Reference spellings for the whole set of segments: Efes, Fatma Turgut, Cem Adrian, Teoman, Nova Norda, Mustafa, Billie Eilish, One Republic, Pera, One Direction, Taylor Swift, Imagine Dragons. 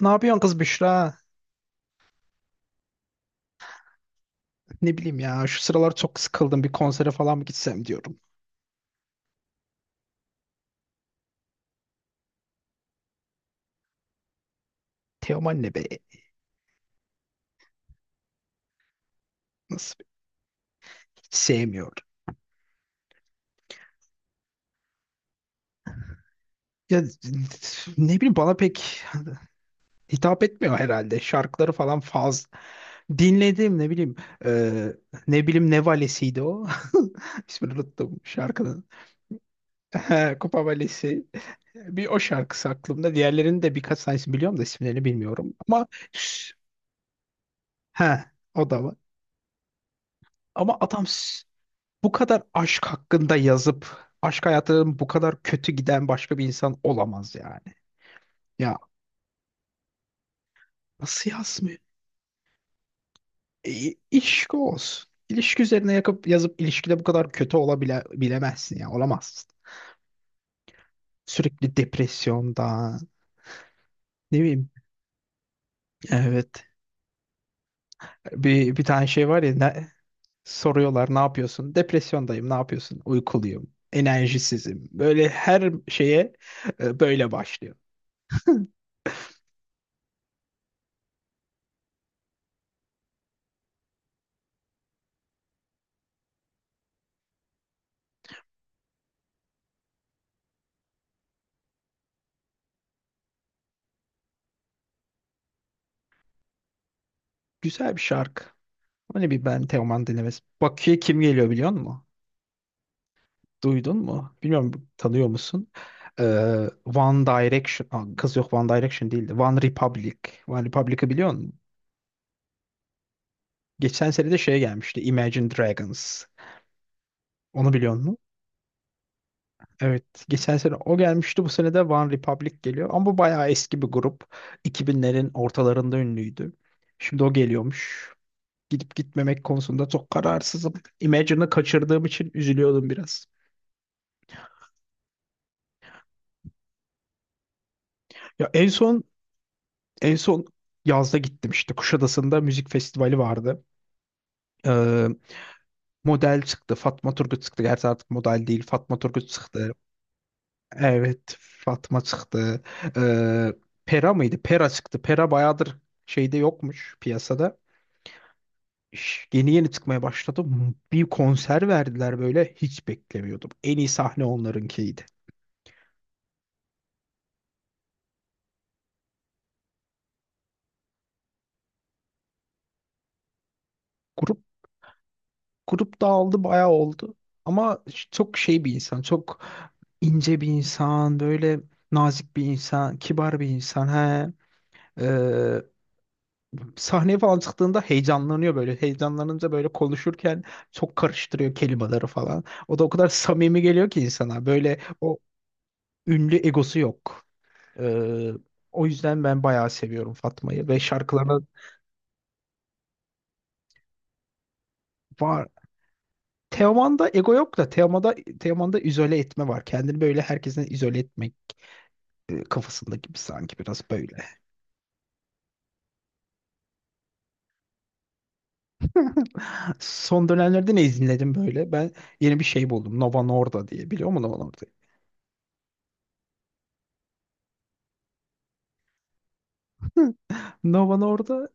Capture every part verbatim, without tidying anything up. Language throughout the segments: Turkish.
Ne yapıyorsun kız Büşra? Ne bileyim ya, şu sıralar çok sıkıldım, bir konsere falan mı gitsem diyorum. Teoman ne be? Nasıl be? Hiç sevmiyorum. Ya, ne bileyim, bana pek hitap etmiyor herhalde. Şarkıları falan fazla. Dinledim, ne bileyim, e, ne bileyim ne valisiydi o. İsmini unuttum şarkının. Kupa valisi. Bir o şarkısı aklımda. Diğerlerinin de birkaç tanesini biliyorum da isimlerini bilmiyorum. Ama he, o da var. Ama adam s. Bu kadar aşk hakkında yazıp aşk hayatının bu kadar kötü giden başka bir insan olamaz yani. Ya, nasıl yazmıyor? E, ilişki olsun. İlişki üzerine yakıp yazıp ilişkide bu kadar kötü olabile bilemezsin, ya olamazsın. Sürekli depresyondan, ne bileyim. Evet. Bir, bir tane şey var ya, ne, soruyorlar ne yapıyorsun? Depresyondayım. Ne yapıyorsun? Uykuluyum. Enerjisizim. Böyle her şeye e, böyle başlıyor. Güzel bir şarkı. Öyle bir ben Teoman denemez. Bakü'ye kim geliyor biliyor musun? Duydun mu? Bilmiyorum, tanıyor musun? Ee, One Direction. Aa, kız yok, One Direction değildi. One Republic. One Republic'ı biliyor musun? Geçen sene de şey gelmişti. Imagine Dragons. Onu biliyor musun? Evet. Geçen sene o gelmişti. Bu sene de One Republic geliyor. Ama bu bayağı eski bir grup. iki binlerin ortalarında ünlüydü. Şimdi o geliyormuş. Gidip gitmemek konusunda çok kararsızım. Imagine'ı kaçırdığım için üzülüyordum biraz. Ya, en son En son yazda gittim, işte Kuşadası'nda müzik festivali vardı. Ee, Model çıktı. Fatma Turgut çıktı. Gerçi artık model değil. Fatma Turgut çıktı. Evet. Fatma çıktı. Ee, Pera mıydı? Pera çıktı. Pera bayağıdır şeyde yokmuş piyasada. Ş- Yeni yeni çıkmaya başladı. Bir konser verdiler böyle. Hiç beklemiyordum. En iyi sahne onlarınkiydi. Grup grup dağıldı, bayağı oldu. Ama ş- çok şey bir insan, çok ince bir insan, böyle nazik bir insan, kibar bir insan. He. Ee, Sahneye falan çıktığında heyecanlanıyor böyle. Heyecanlanınca böyle konuşurken çok karıştırıyor kelimeleri falan. O da o kadar samimi geliyor ki insana. Böyle o ünlü egosu yok. Ee, O yüzden ben bayağı seviyorum Fatma'yı ve şarkılarına var. Teoman'da ego yok da, Teoman'da, Teoman'da izole etme var. Kendini böyle herkesten izole etmek, e, kafasında gibi sanki biraz böyle. Son dönemlerde ne izledim böyle? Ben yeni bir şey buldum. Nova Norda diye. Biliyor musun Nova Norda'yı? Nova Norda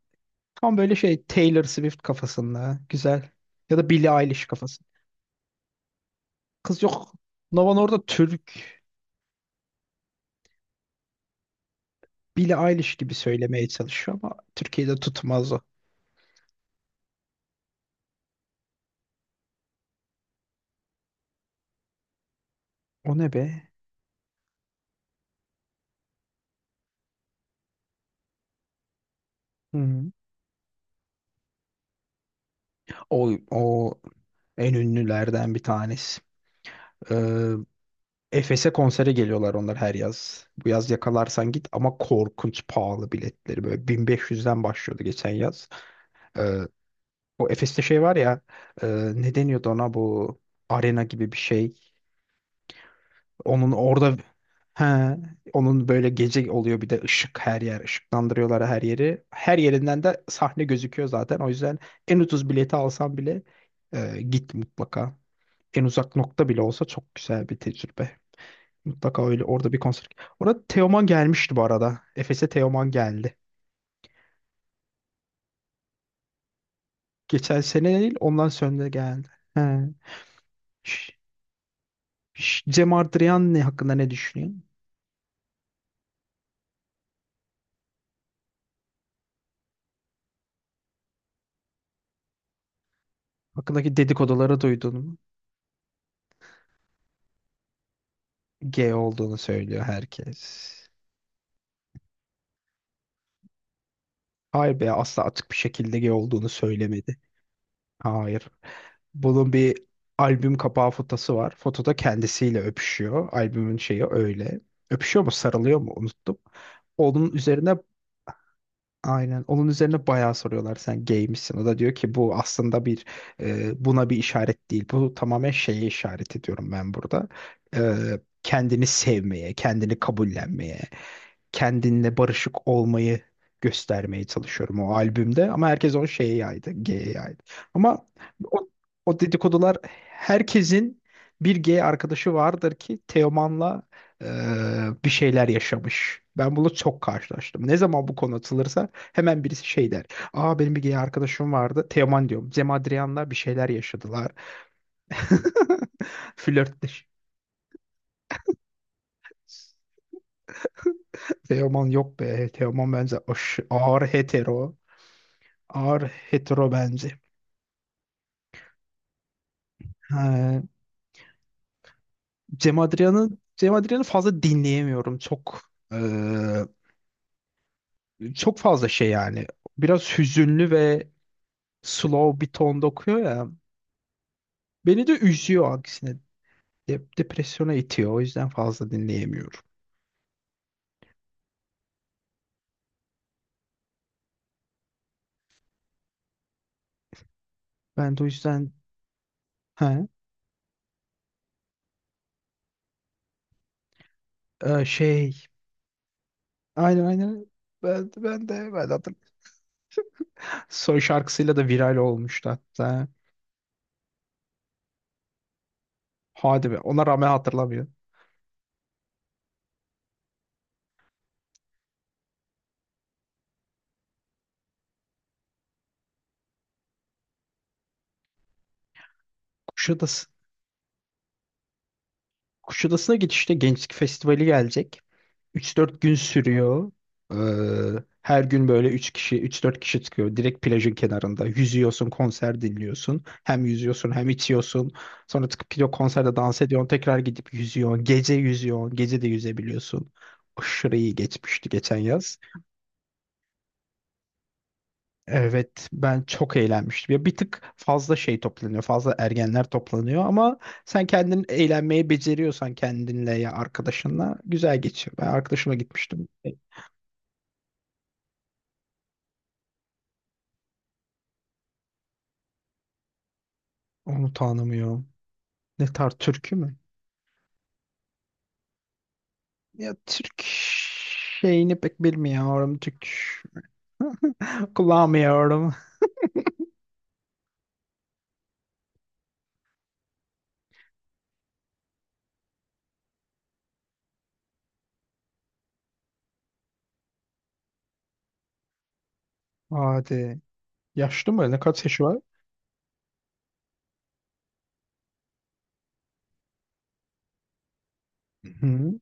tam böyle şey, Taylor Swift kafasında. Güzel. Ya da Billie Eilish kafası. Kız yok. Nova Norda Türk. Billie Eilish gibi söylemeye çalışıyor ama Türkiye'de tutmaz o. O ne be? Hı hı. O, o en ünlülerden bir tanesi. Ee, Efes'e konsere geliyorlar onlar her yaz. Bu yaz yakalarsan git, ama korkunç pahalı biletleri. Böyle bin beş yüzden başlıyordu geçen yaz. Ee, O Efes'te şey var ya, e, ne deniyordu ona, bu arena gibi bir şey. Onun orada, he, onun böyle gece oluyor, bir de ışık, her yer ışıklandırıyorlar her yeri. Her yerinden de sahne gözüküyor zaten. O yüzden en ucuz bileti alsan bile, e, git mutlaka. En uzak nokta bile olsa çok güzel bir tecrübe. Mutlaka öyle orada bir konser. Orada Teoman gelmişti bu arada. Efes'e Teoman geldi. Geçen sene değil, ondan sonra da geldi. He. Ş- Ş- Cem Adrian ne hakkında ne düşünüyorsun? Hakkındaki dedikoduları duydun mu? G olduğunu söylüyor herkes. Hayır be, asla açık bir şekilde G olduğunu söylemedi. Hayır. Bunun bir albüm kapağı fotosu var. Fotoda kendisiyle öpüşüyor. Albümün şeyi öyle. Öpüşüyor mu, sarılıyor mu, unuttum. Onun üzerine, aynen onun üzerine bayağı soruyorlar sen gay misin? O da diyor ki bu aslında bir, e, buna bir işaret değil. Bu tamamen şeye işaret ediyorum ben burada. E, Kendini sevmeye, kendini kabullenmeye, kendinle barışık olmayı göstermeye çalışıyorum o albümde. Ama herkes onu şeye yaydı, G'ye yaydı. Ama o, o dedikodular, herkesin bir G arkadaşı vardır ki Teoman'la, e, bir şeyler yaşamış. Ben bunu çok karşılaştım. Ne zaman bu konu atılırsa hemen birisi şey der. Aa, benim bir gay arkadaşım vardı. Teoman diyorum. Cem Adrian'la bir şeyler yaşadılar. Flörtleş. Teoman yok be. Teoman bence aş- ağır hetero. Ağır hetero bence. Ha, Cem Adrian'ı Cem Adrian'ı fazla dinleyemiyorum. Çok, e, çok fazla şey yani. Biraz hüzünlü ve slow bir tonda okuyor ya. Beni de üzüyor aksine. De- depresyona itiyor. O yüzden fazla dinleyemiyorum. Ben de o yüzden, ha, e, şey aynen aynen ben, ben de ben de hatırlıyorum. Son şarkısıyla da viral olmuştu hatta. Hadi be. Ona rağmen hatırlamıyorum. Kuşadası Kuşadası'na geçişte Gençlik Festivali gelecek. Üç dört gün sürüyor. Ee, her gün böyle üç kişi, üç dört kişi çıkıyor. Direkt plajın kenarında. Yüzüyorsun, konser dinliyorsun. Hem yüzüyorsun hem içiyorsun. Sonra çıkıp gidiyor, konserde dans ediyorsun. Tekrar gidip yüzüyorsun. Gece yüzüyorsun. Gece de yüzebiliyorsun. Aşırı iyi geçmişti geçen yaz. Evet, ben çok eğlenmiştim. Ya bir tık fazla şey toplanıyor. Fazla ergenler toplanıyor ama sen kendin eğlenmeyi beceriyorsan kendinle ya arkadaşınla güzel geçiyor. Ben arkadaşıma gitmiştim. E, onu tanımıyorum. Ne tarz, türkü mü? Ya Türk şeyini pek bilmiyorum. Türk kullanmıyorum. Hadi. Yaşlı mı? Ne, kaç yaşı var? Hı.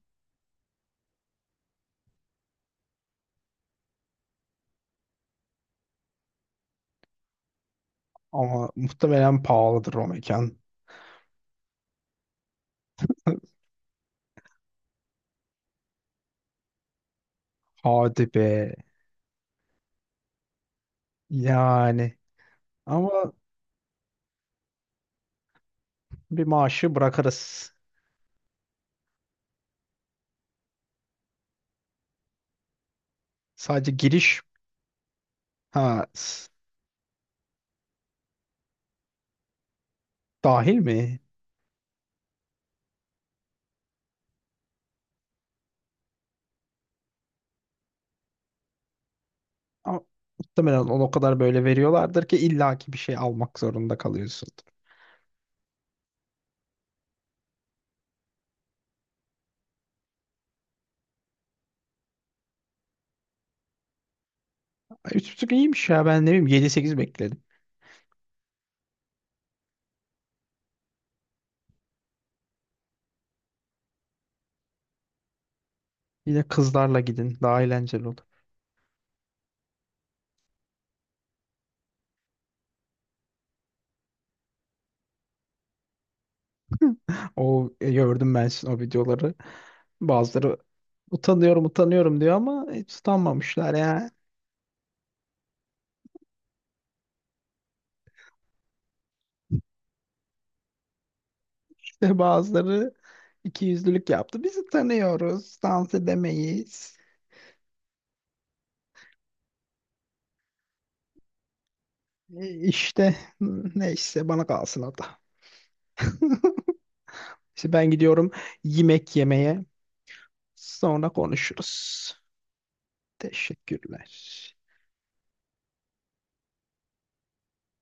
Ama muhtemelen pahalıdır o mekan. Hadi be. Yani. Ama bir maaşı bırakırız. Sadece giriş, ha s- dahil mi? Ama muhtemelen onu o kadar böyle veriyorlardır ki illaki bir şey almak zorunda kalıyorsun. Ay, üç buçuk iyiymiş ya, ben ne bileyim yedi sekiz bekledim. Yine kızlarla gidin, daha eğlenceli olur. O, e, gördüm ben sizin o videoları. Bazıları utanıyorum utanıyorum diyor ama hiç utanmamışlar ya. İşte bazıları iki yüzlülük yaptı. Biz utanıyoruz, dans edemeyiz. E, İşte neyse, bana kalsın o da. İşte ben gidiyorum yemek yemeye. Sonra konuşuruz. Teşekkürler.